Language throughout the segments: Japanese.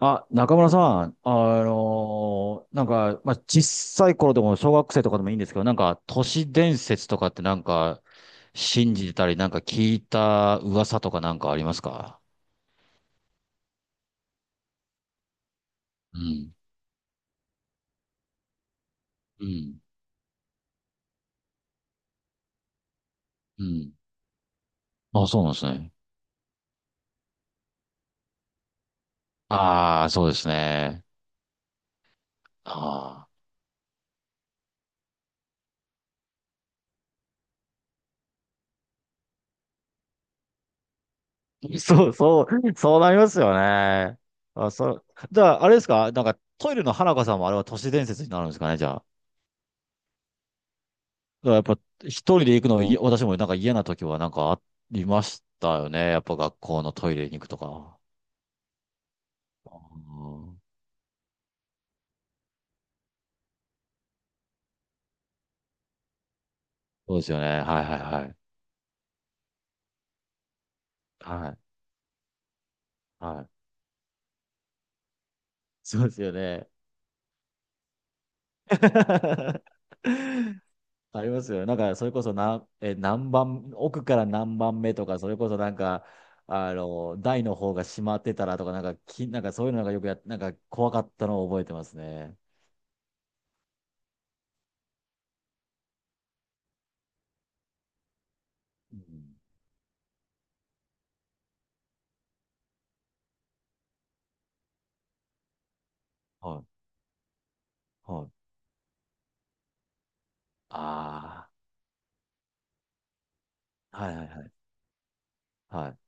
あ、中村さん、なんか、まあ、小さい頃でも小学生とかでもいいんですけど、なんか、都市伝説とかってなんか、信じてたり、なんか聞いた噂とかなんかありますか？うん、うん、うん。あ、そうなんですね。ああ、そうですね。ああ。そう、そう、そうなりますよね。あ、そう。じゃあ、あれですかなんか、トイレの花子さんもあれは都市伝説になるんですかね？だからやっぱ一人で行くのは、私もなんか嫌な時はなんかありましたよね。やっぱ学校のトイレに行くとか。うん、そうですよね。はいはいはい。はい。はい。そうですよね。ありますよね。なんか、それこそ何番、奥から何番目とか、それこそなんか、台の方が閉まってたらとか、なんか、なんかそういうのがよくやっ、なんか怖かったのを覚えてますね。うん。はい。はい。ああ。はいはいはい。はい。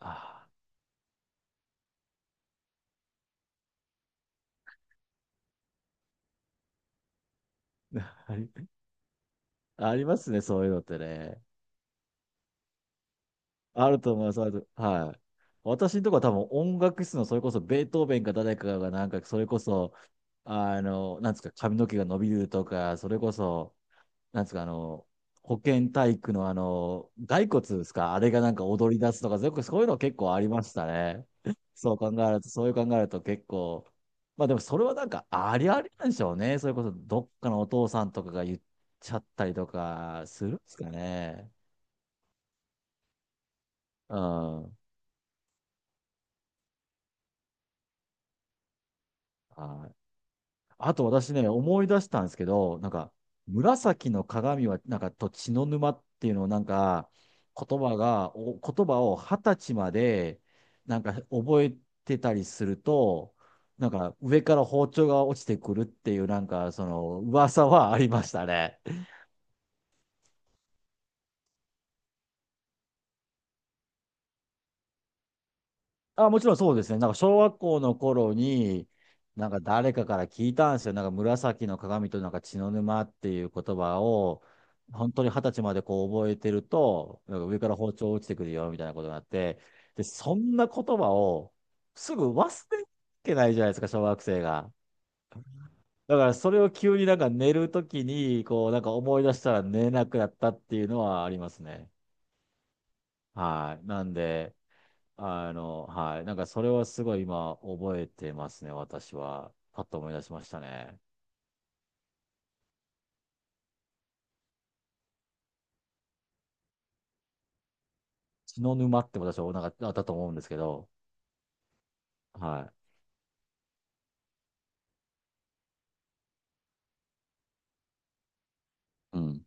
ああ。ありありますね、そういうのってね。あると思います。あるはい。私のとこは多分音楽室のそれこそベートーベンか誰かがなんかそれこそ、なんですか、髪の毛が伸びるとか、それこそ、なんですか、保健体育の骸骨ですか、あれがなんか踊り出すとか、よくそういうの結構ありましたね。そう考えると、そういう考えると結構、まあでもそれはなんかありありなんでしょうね。それこそどっかのお父さんとかが言っちゃったりとかするんですかね。うん。はい。あと私ね、思い出したんですけど、なんか、紫の鏡は、なんか、と血の沼っていうのを、なんか、言葉が、お言葉を二十歳まで、なんか、覚えてたりすると、なんか、上から包丁が落ちてくるっていう、なんか、その、噂はありましたね。あ、もちろんそうですね。なんか小学校の頃に、なんか誰かから聞いたんですよ。なんか紫の鏡となんか血の沼っていう言葉を、本当に二十歳までこう覚えてると、なんか上から包丁落ちてくるよみたいなことがあって、で、そんな言葉をすぐ忘れてないじゃないですか、小学生が。だからそれを急になんか寝るときに、こうなんか思い出したら寝れなくなったっていうのはありますね。はい。なんで、はい。なんかそれはすごい今覚えてますね、私は。パッと思い出しましたね。血の沼って私はなんかあったと思うんですけど、はい。うん。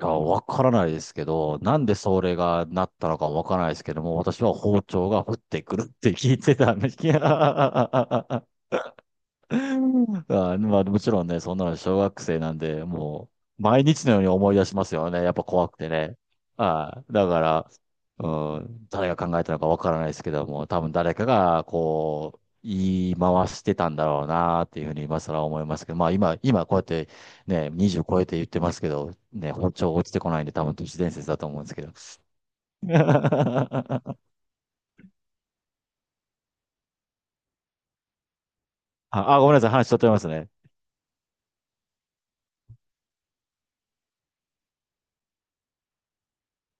いや、わからないですけど、なんでそれがなったのかわからないですけども、私は包丁が降ってくるって聞いてたんです。あ、まあ、もちろんね、そんなの小学生なんで、もう、毎日のように思い出しますよね。やっぱ怖くてね。はい。だから、うん、誰が考えたのかわからないですけども、多分誰かが、こう、言い回してたんだろうなっていうふうに今更思いますけど、まあ今こうやってね、20超えて言ってますけど、ね、包丁落ちてこないんで多分都市伝説だと思うんですけど。あごめんなさい、話しとってますね。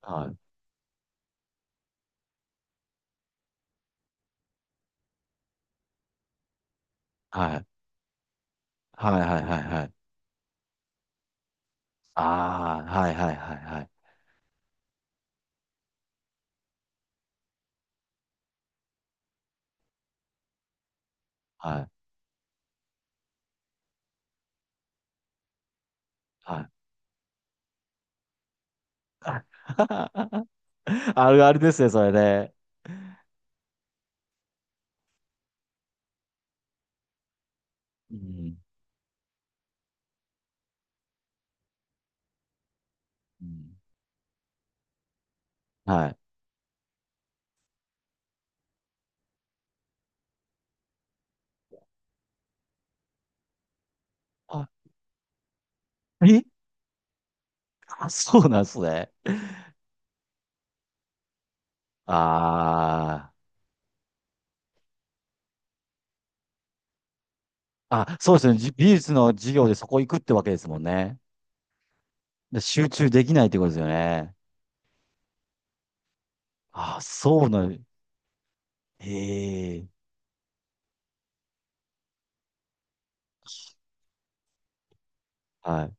はい。はい。はいはいはいはい。ああ、はいはいはいはい。はい。はい。あるあるですね、それね。うん。うん。はい。あ、え。 あ、そうなんですね。ああ。あ、そうですね。美術の授業でそこ行くってわけですもんね。で集中できないってことですよね。あ、そうなん、へえ。はい。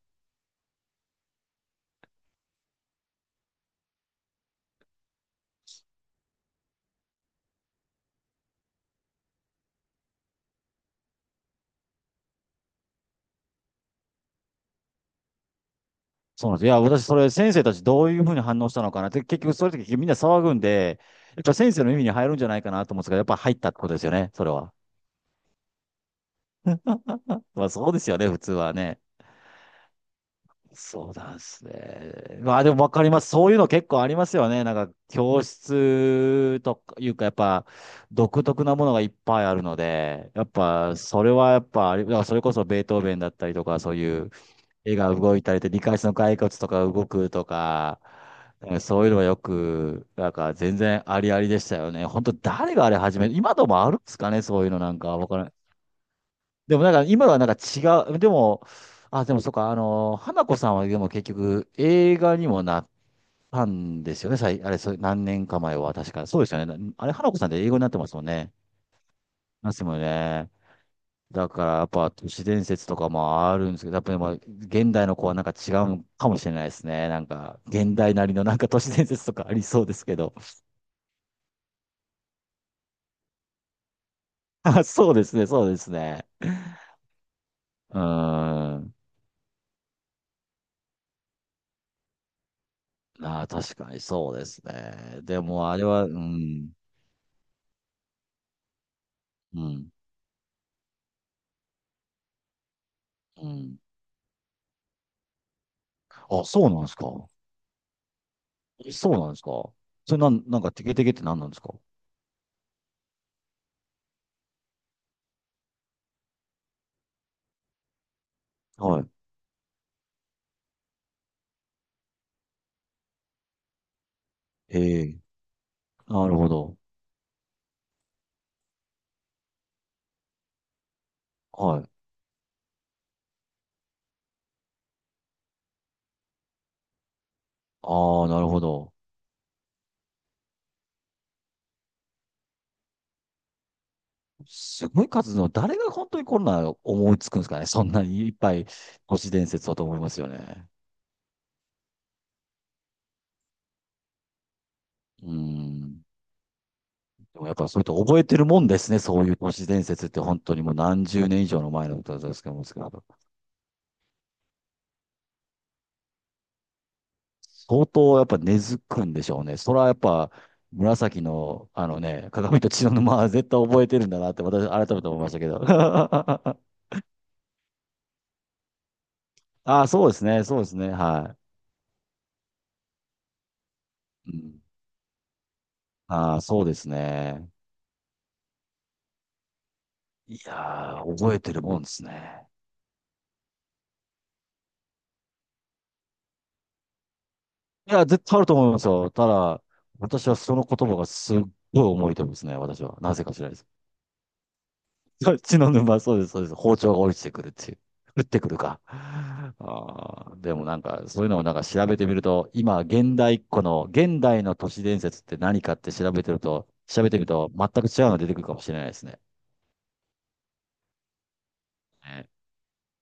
そうなんです。いや、私、それ、先生たちどういうふうに反応したのかなって、結局、そういう時みんな騒ぐんで、やっぱ先生の耳に入るんじゃないかなと思うんですけど、やっぱ入ったってことですよね、それは。まあ、そうですよね、普通はね。そうなんですね。まあでもわかります。そういうの結構ありますよね。なんか教室とかいうかやっぱ独特なものがいっぱいあるので、やっぱそれはやっぱあれ、だからそれこそベートーベンだったりとかそういう絵が動いたりで理解室の骸骨とか動くとか、そういうのはよく、なんか全然ありありでしたよね。本当誰があれ始め、今でもあるんですかね、そういうのなんか。わからん。でもなんか今はなんか違う、でも、あ、でもそうか、花子さんはでも結局映画にもなったんですよね、あれ、そう、何年か前は確か。そうですよね。あれ、花子さんって英語になってますもんね。なってますもんね。だからやっぱ都市伝説とかもあるんですけど、やっぱりまあ現代の子はなんか違うかもしれないですね。なんか現代なりのなんか都市伝説とかありそうですけど。あ、そうですね、そうですね。うーん。あー、確かにそうですね。でもあれは、うん。うん。うん。あ、そうなんですか。そうなんですか。それなん、なんかテケテケって何なんですか？はい。ええ、なるほど。はい。ああ、なるほど。すごい数の、誰が本当にこんな思いつくんですかね。そんなにいっぱい都市伝説だと思いますよね。うん。でもやっぱそれと覚えてるもんですね。そういう都市伝説って本当にもう何十年以上の前のことですけども。相当やっぱ根付くんでしょうね。それはやっぱ紫の鏡と血の沼は絶対覚えてるんだなって私改めて思いましたけど。ああ、そうですね。そうですね。はい。うん、ああ、そうですね。いやー、覚えてるもんですね。いや、絶対あると思いますよ。ただ、私はその言葉がすっごい重いと思いですね。私は。なぜかしらです。そっちの沼、そうです、そうです。包丁が落ちてくるっていう。降ってくるか。あーでもなんか、そういうのをなんか調べてみると、今、現代っ子の、現代の都市伝説って何かって調べてみると、全く違うの出てくるかもしれないですね。